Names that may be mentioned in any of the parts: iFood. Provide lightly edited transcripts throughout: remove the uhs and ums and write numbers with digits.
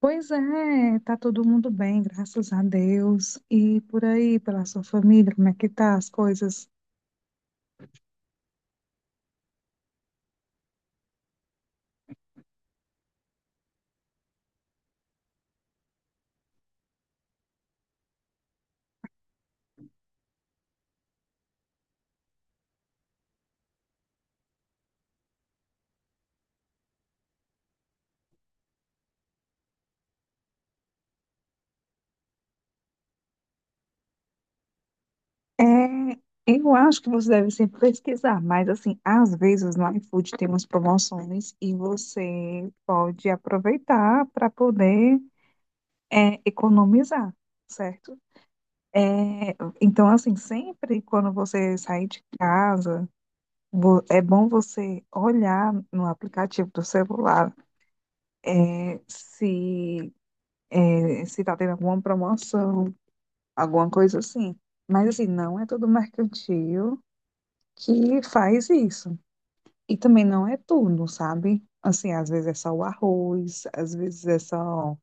Pois é, tá todo mundo bem, graças a Deus. E por aí, pela sua família, como é que tá as coisas? É, eu acho que você deve sempre pesquisar, mas assim, às vezes no iFood tem umas promoções e você pode aproveitar para poder economizar, certo? É, então, assim, sempre quando você sair de casa, é bom você olhar no aplicativo do celular, né, se tá tendo alguma promoção, alguma coisa assim. Mas assim, não é todo mercantil que faz isso. E também não é tudo, sabe? Assim, às vezes é só o arroz, às vezes é só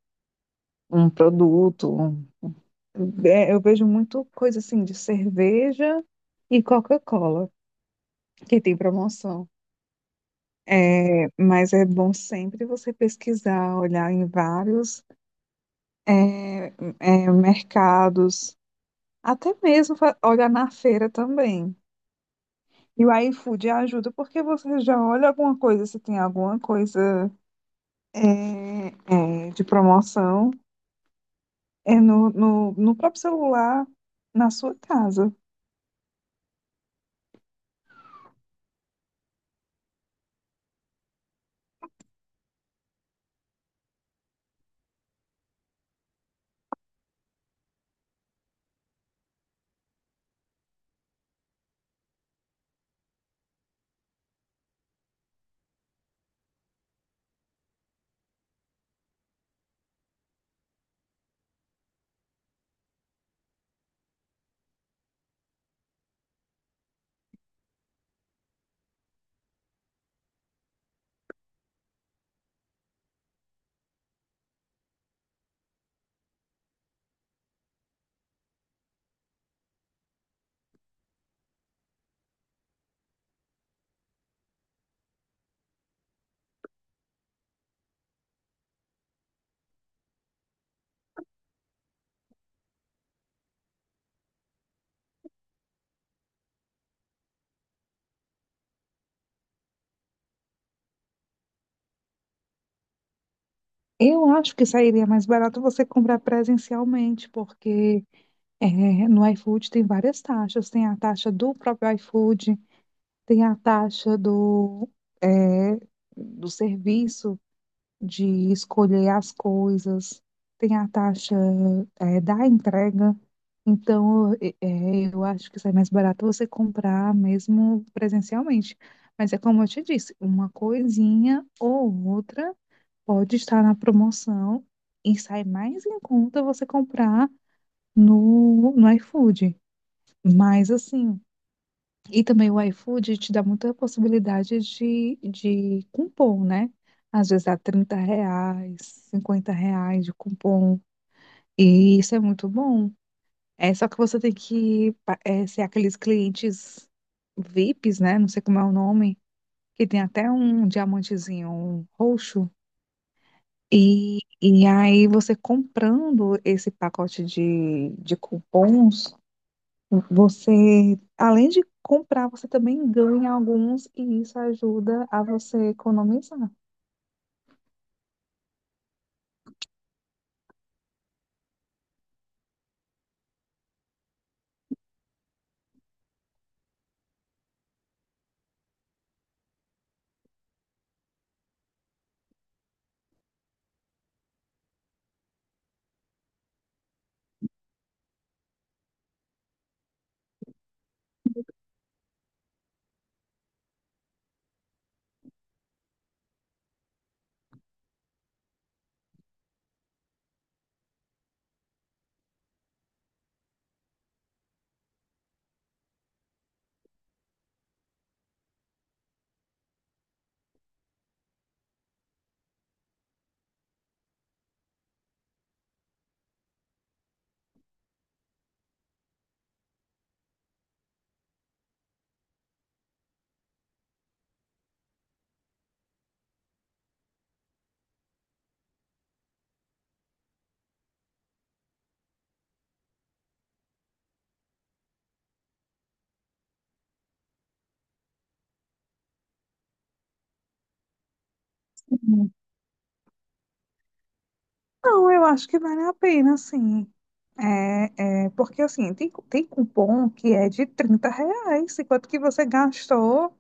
um produto. Eu vejo muito coisa assim de cerveja e Coca-Cola, que tem promoção. Mas é bom sempre você pesquisar, olhar em vários é, mercados. Até mesmo olhar na feira também. E o iFood ajuda porque você já olha alguma coisa, se tem alguma coisa é, de promoção, no próprio celular, na sua casa. Eu acho que sairia mais barato você comprar presencialmente, porque é, no iFood tem várias taxas. Tem a taxa do próprio iFood, tem a taxa é, do serviço de escolher as coisas, tem a taxa da entrega. Então, eu acho que sai mais barato você comprar mesmo presencialmente. Mas é como eu te disse, uma coisinha ou outra pode estar na promoção e sai mais em conta você comprar no iFood. Mas, assim, e também o iFood te dá muita possibilidade de cupom, né? Às vezes dá R$ 30, R$ 50 de cupom. E isso é muito bom. É só que você tem que ser aqueles clientes VIPs, né? Não sei como é o nome, que tem até um diamantezinho um roxo. E aí você comprando esse pacote de cupons. Você, além de comprar, você também ganha alguns e isso ajuda a você economizar. Uhum. Não, eu acho que vale a pena, sim. Porque assim, tem cupom que é de R$ 30, enquanto que você gastou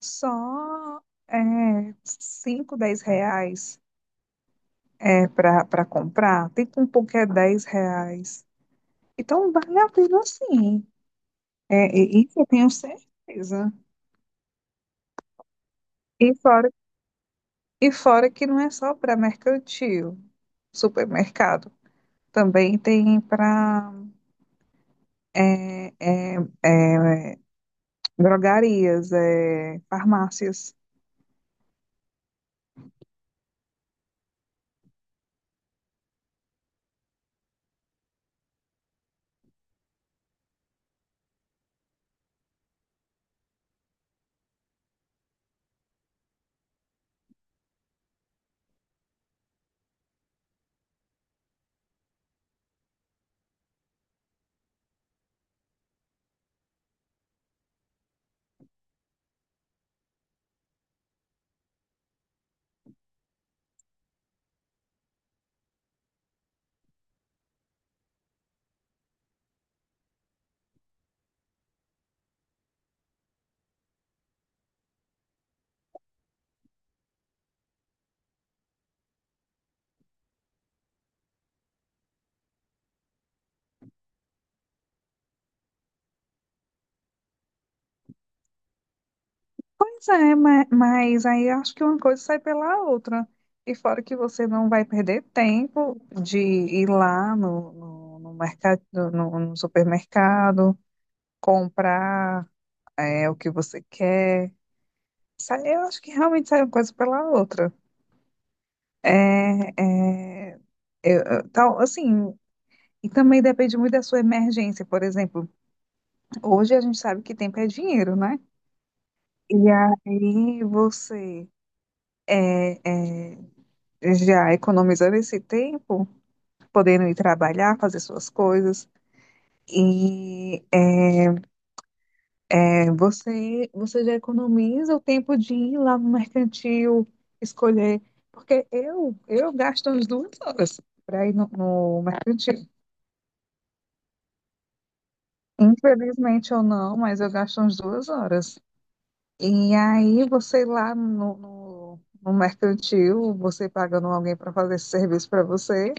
só 5, R$ 10 para comprar, tem cupom que é R$ 10. Então vale a pena sim. Isso eu tenho certeza. E fora E fora que não é só para mercantil, supermercado. Também tem para drogarias, farmácias. Pois é, mas aí acho que uma coisa sai pela outra. E fora que você não vai perder tempo de ir lá no mercado, no supermercado, comprar o que você quer. Eu acho que realmente sai uma coisa pela outra. É, é, eu- eu- tal, assim, E também depende muito da sua emergência. Por exemplo, hoje a gente sabe que tempo é dinheiro, né? E aí você é, é, já economizando esse tempo, podendo ir trabalhar, fazer suas coisas. E você já economiza o tempo de ir lá no mercantil, escolher. Porque eu gasto umas 2 horas para ir no mercantil. Infelizmente ou não, mas eu gasto umas 2 horas. E aí você lá no mercantil, você pagando alguém para fazer esse serviço para você,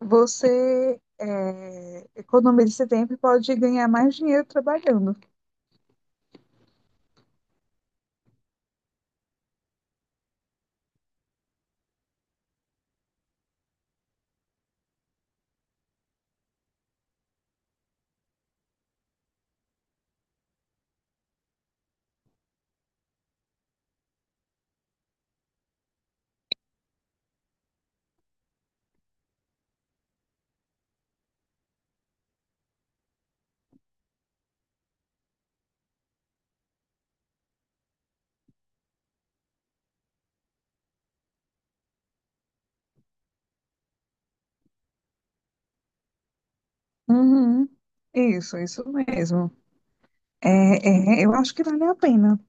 você economiza esse tempo e pode ganhar mais dinheiro trabalhando. Uhum. Isso mesmo. Eu acho que vale a pena.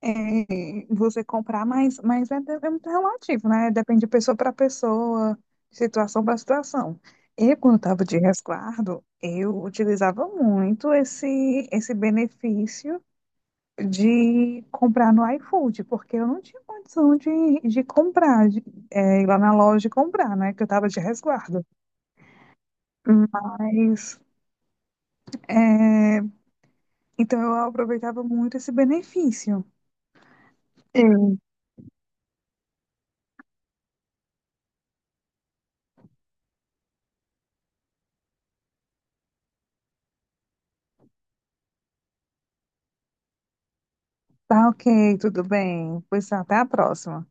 Você comprar, mas é muito relativo, né? Depende de pessoa para pessoa, de situação para situação. Eu, quando estava de resguardo, eu utilizava muito esse benefício de comprar no iFood, porque eu não tinha condição de comprar, de, ir lá na loja e comprar, né? Que eu estava de resguardo. Mas, é, então, eu aproveitava muito esse benefício. Sim. Tá, ok, tudo bem. Pois tá, até a próxima.